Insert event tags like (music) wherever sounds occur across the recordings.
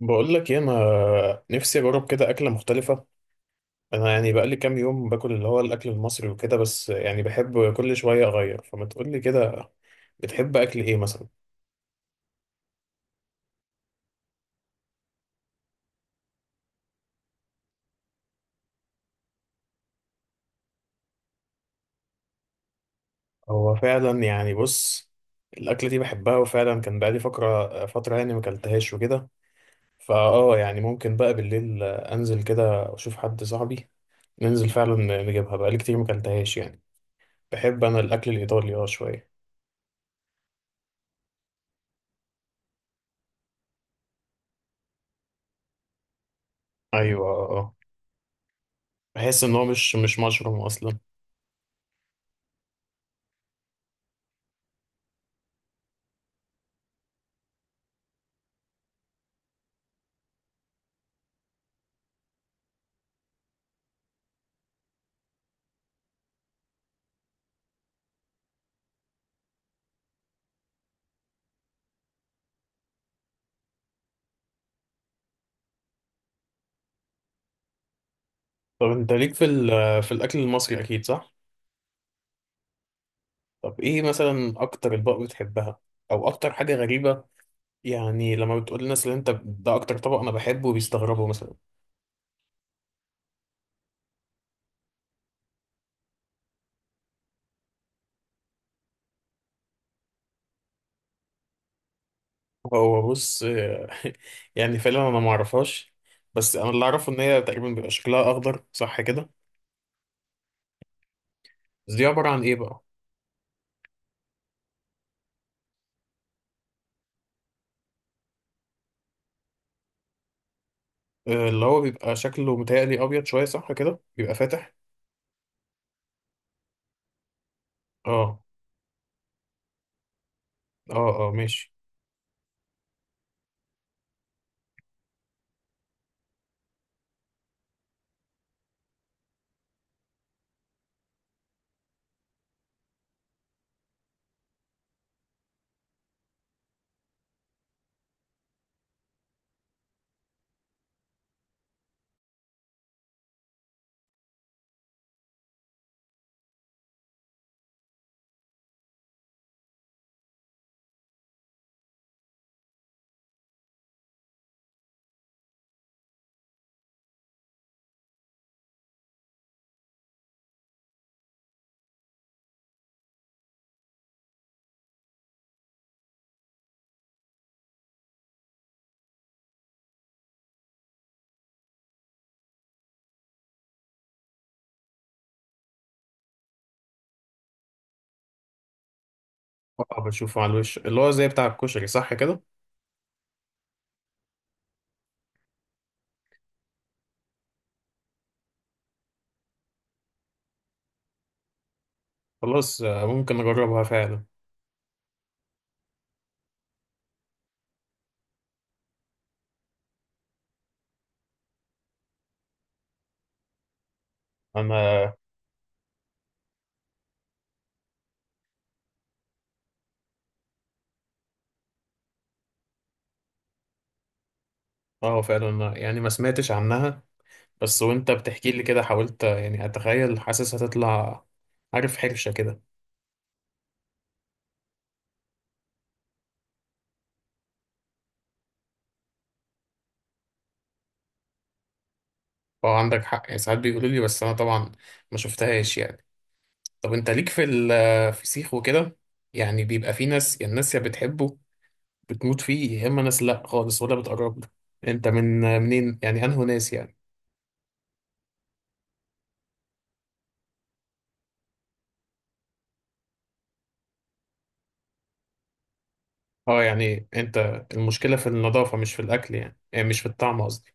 بقول لك ايه، انا نفسي اجرب كده اكله مختلفه. انا يعني بقالي كام يوم باكل اللي هو الاكل المصري وكده، بس يعني بحب كل شويه اغير، فما تقول لي كده؟ بتحب اكل ايه مثلا؟ هو فعلا يعني بص، الاكله دي بحبها وفعلا كان بقالي فتره يعني ما اكلتهاش وكده. فاه يعني ممكن بقى بالليل انزل كده اشوف حد صاحبي، ننزل فعلا نجيبها. بقالي كتير ما اكلتهاش يعني. بحب انا الاكل الايطالي اه شويه. ايوه اه آه. بحس ان هو مش مشروم اصلا. طب انت ليك في في الاكل المصري اكيد صح؟ طب ايه مثلا اكتر اطباق بتحبها، او اكتر حاجه غريبه؟ يعني لما بتقول للناس اللي انت ده اكتر طبق انا بحبه بيستغربوا مثلا؟ هو بص (laughs) يعني فعلا انا ما اعرفهاش، بس انا اللي اعرفه ان هي تقريبا بيبقى شكلها اخضر، صح كده؟ بس دي عباره عن ايه بقى؟ آه، اللي هو بيبقى شكله متهيألي ابيض شويه، صح كده؟ بيبقى فاتح. اه اه اه ماشي. اه بشوفه على الوش اللي هو زي بتاع الكشري، صح كده؟ خلاص آه، ممكن اجربها فعلا. انا اه فعلا أنا يعني ما سمعتش عنها، بس وانت بتحكي لي كده حاولت يعني اتخيل، حاسس هتطلع، عارف، حرشة كده. فهو عندك حق، يعني ساعات بيقولوا لي، بس انا طبعا ما شفتهاش يعني. طب انت ليك في الفسيخ وكده؟ يعني بيبقى في ناس يعني الناس يا بتحبه بتموت فيه، يا اما ناس لا خالص ولا بتقرب له. انت من منين يعني انه ناس يعني؟ اه يعني انت المشكلة في النظافة مش في الاكل يعني، يعني مش في الطعم قصدي.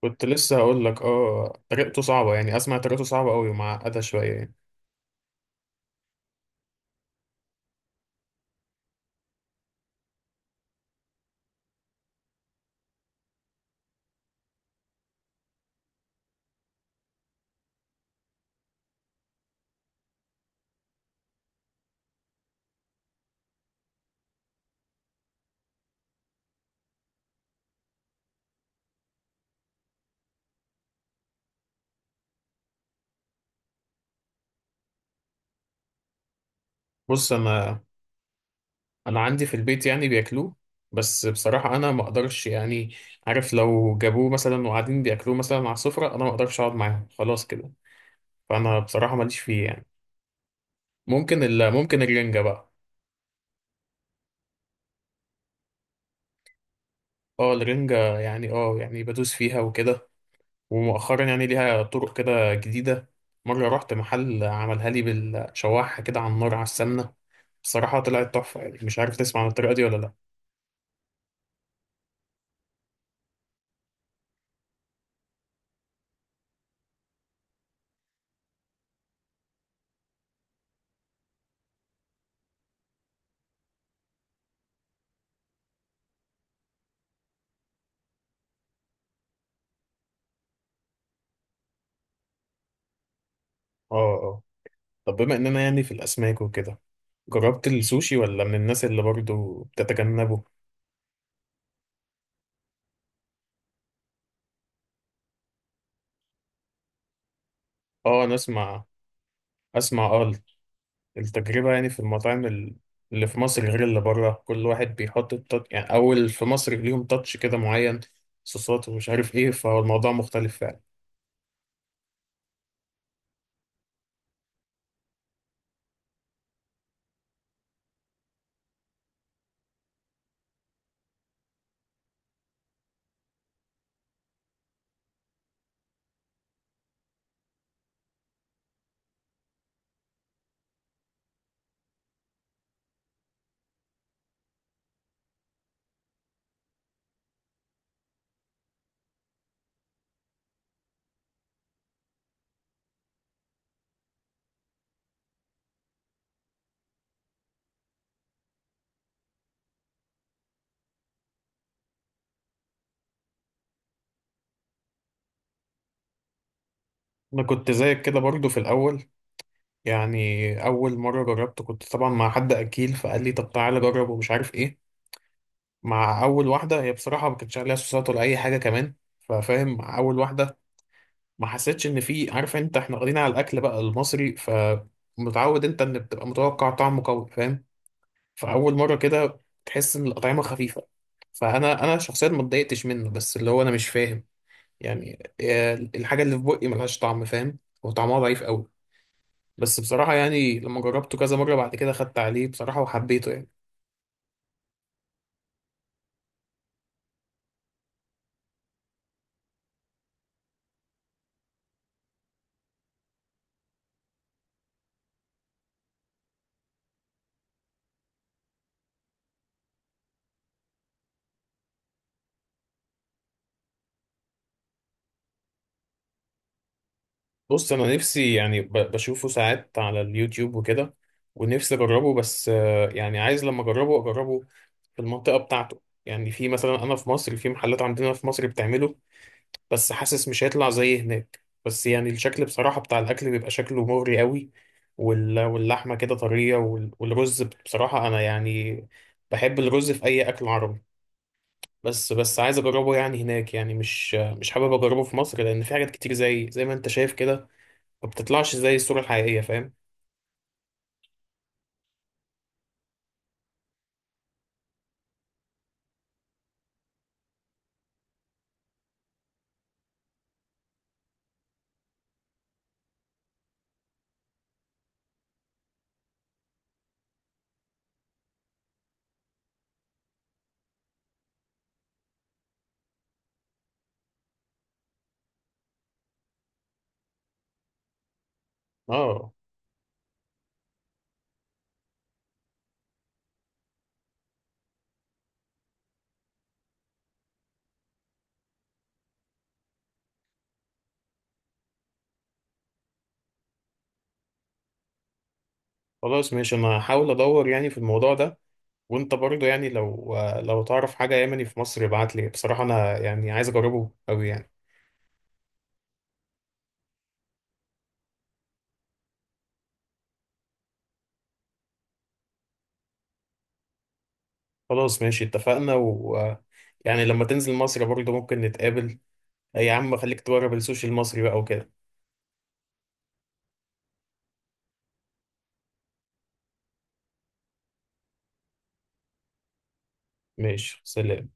كنت لسه هقول لك اه طريقته صعبة، يعني اسمع طريقته صعبة قوي ومعقدة شوية. بص انا عندي في البيت يعني بياكلوه، بس بصراحه انا ما اقدرش يعني. عارف لو جابوه مثلا وقاعدين بياكلوه مثلا على السفره انا ما اقدرش اقعد معاهم، خلاص كده. فانا بصراحه ماليش فيه يعني. ممكن الرنجه بقى. اه الرنجه يعني، اه يعني بدوس فيها وكده، ومؤخرا يعني ليها طرق كده جديده. مره رحت محل عملها لي بالشواحه كده على النار على السمنه، بصراحه طلعت تحفه. يعني مش عارف تسمع عن الطريقه دي ولا لا؟ اه آه. طب بما اننا يعني في الاسماك وكده، جربت السوشي ولا من الناس اللي برضو بتتجنبه؟ اه انا اسمع، اسمع اه. التجربة يعني في المطاعم اللي في مصر غير اللي بره، كل واحد بيحط التاتش يعني، اول في مصر ليهم تاتش كده معين، صوصات ومش عارف ايه، فهو الموضوع مختلف فعلا. انا كنت زيك كده برضو في الاول. يعني اول مرة جربت كنت طبعا مع حد اكيل فقال لي طب تعالى جرب ومش عارف ايه. مع اول واحدة هي بصراحة ما كانتش عليها صوصات ولا اي حاجة كمان، ففاهم مع اول واحدة ما حسيتش ان في، عارف انت احنا واخدين على الاكل بقى المصري، فمتعود انت ان بتبقى متوقع طعمه قوي، فاهم؟ فاول مره كده تحس ان الاطعمه خفيفه. فانا شخصيا ما اتضايقتش منه، بس اللي هو انا مش فاهم يعني آه، الحاجه اللي في بقي ملهاش طعم، فاهم؟ وطعمها ضعيف قوي. بس بصراحه يعني لما جربته كذا مره بعد كده خدت عليه بصراحه وحبيته يعني. بص انا نفسي يعني بشوفه ساعات على اليوتيوب وكده، ونفسي اجربه، بس آه، يعني عايز لما اجربه اجربه في المنطقه بتاعته. يعني في مثلا انا في مصر في محلات عندنا في مصر بتعمله، بس حاسس مش هيطلع زي هناك. بس يعني الشكل بصراحه بتاع الاكل بيبقى شكله مغري قوي، واللحمه كده طريه، والرز بصراحه انا يعني بحب الرز في اي اكل عربي. بس بس عايز اجربه يعني هناك، يعني مش حابب اجربه في مصر، لان في حاجات كتير زي ما انت شايف كده ما بتطلعش زي الصورة الحقيقية، فاهم؟ اه خلاص ماشي، انا هحاول ادور يعني في الموضوع ده. وانت برضه يعني لو تعرف حاجة يمني في مصر ابعت لي، بصراحة انا يعني عايز اجربه قوي يعني. خلاص ماشي اتفقنا. و يعني لما تنزل مصر برضه ممكن نتقابل. يا عم خليك تجرب السوشي المصري بقى وكده. ماشي، سلام.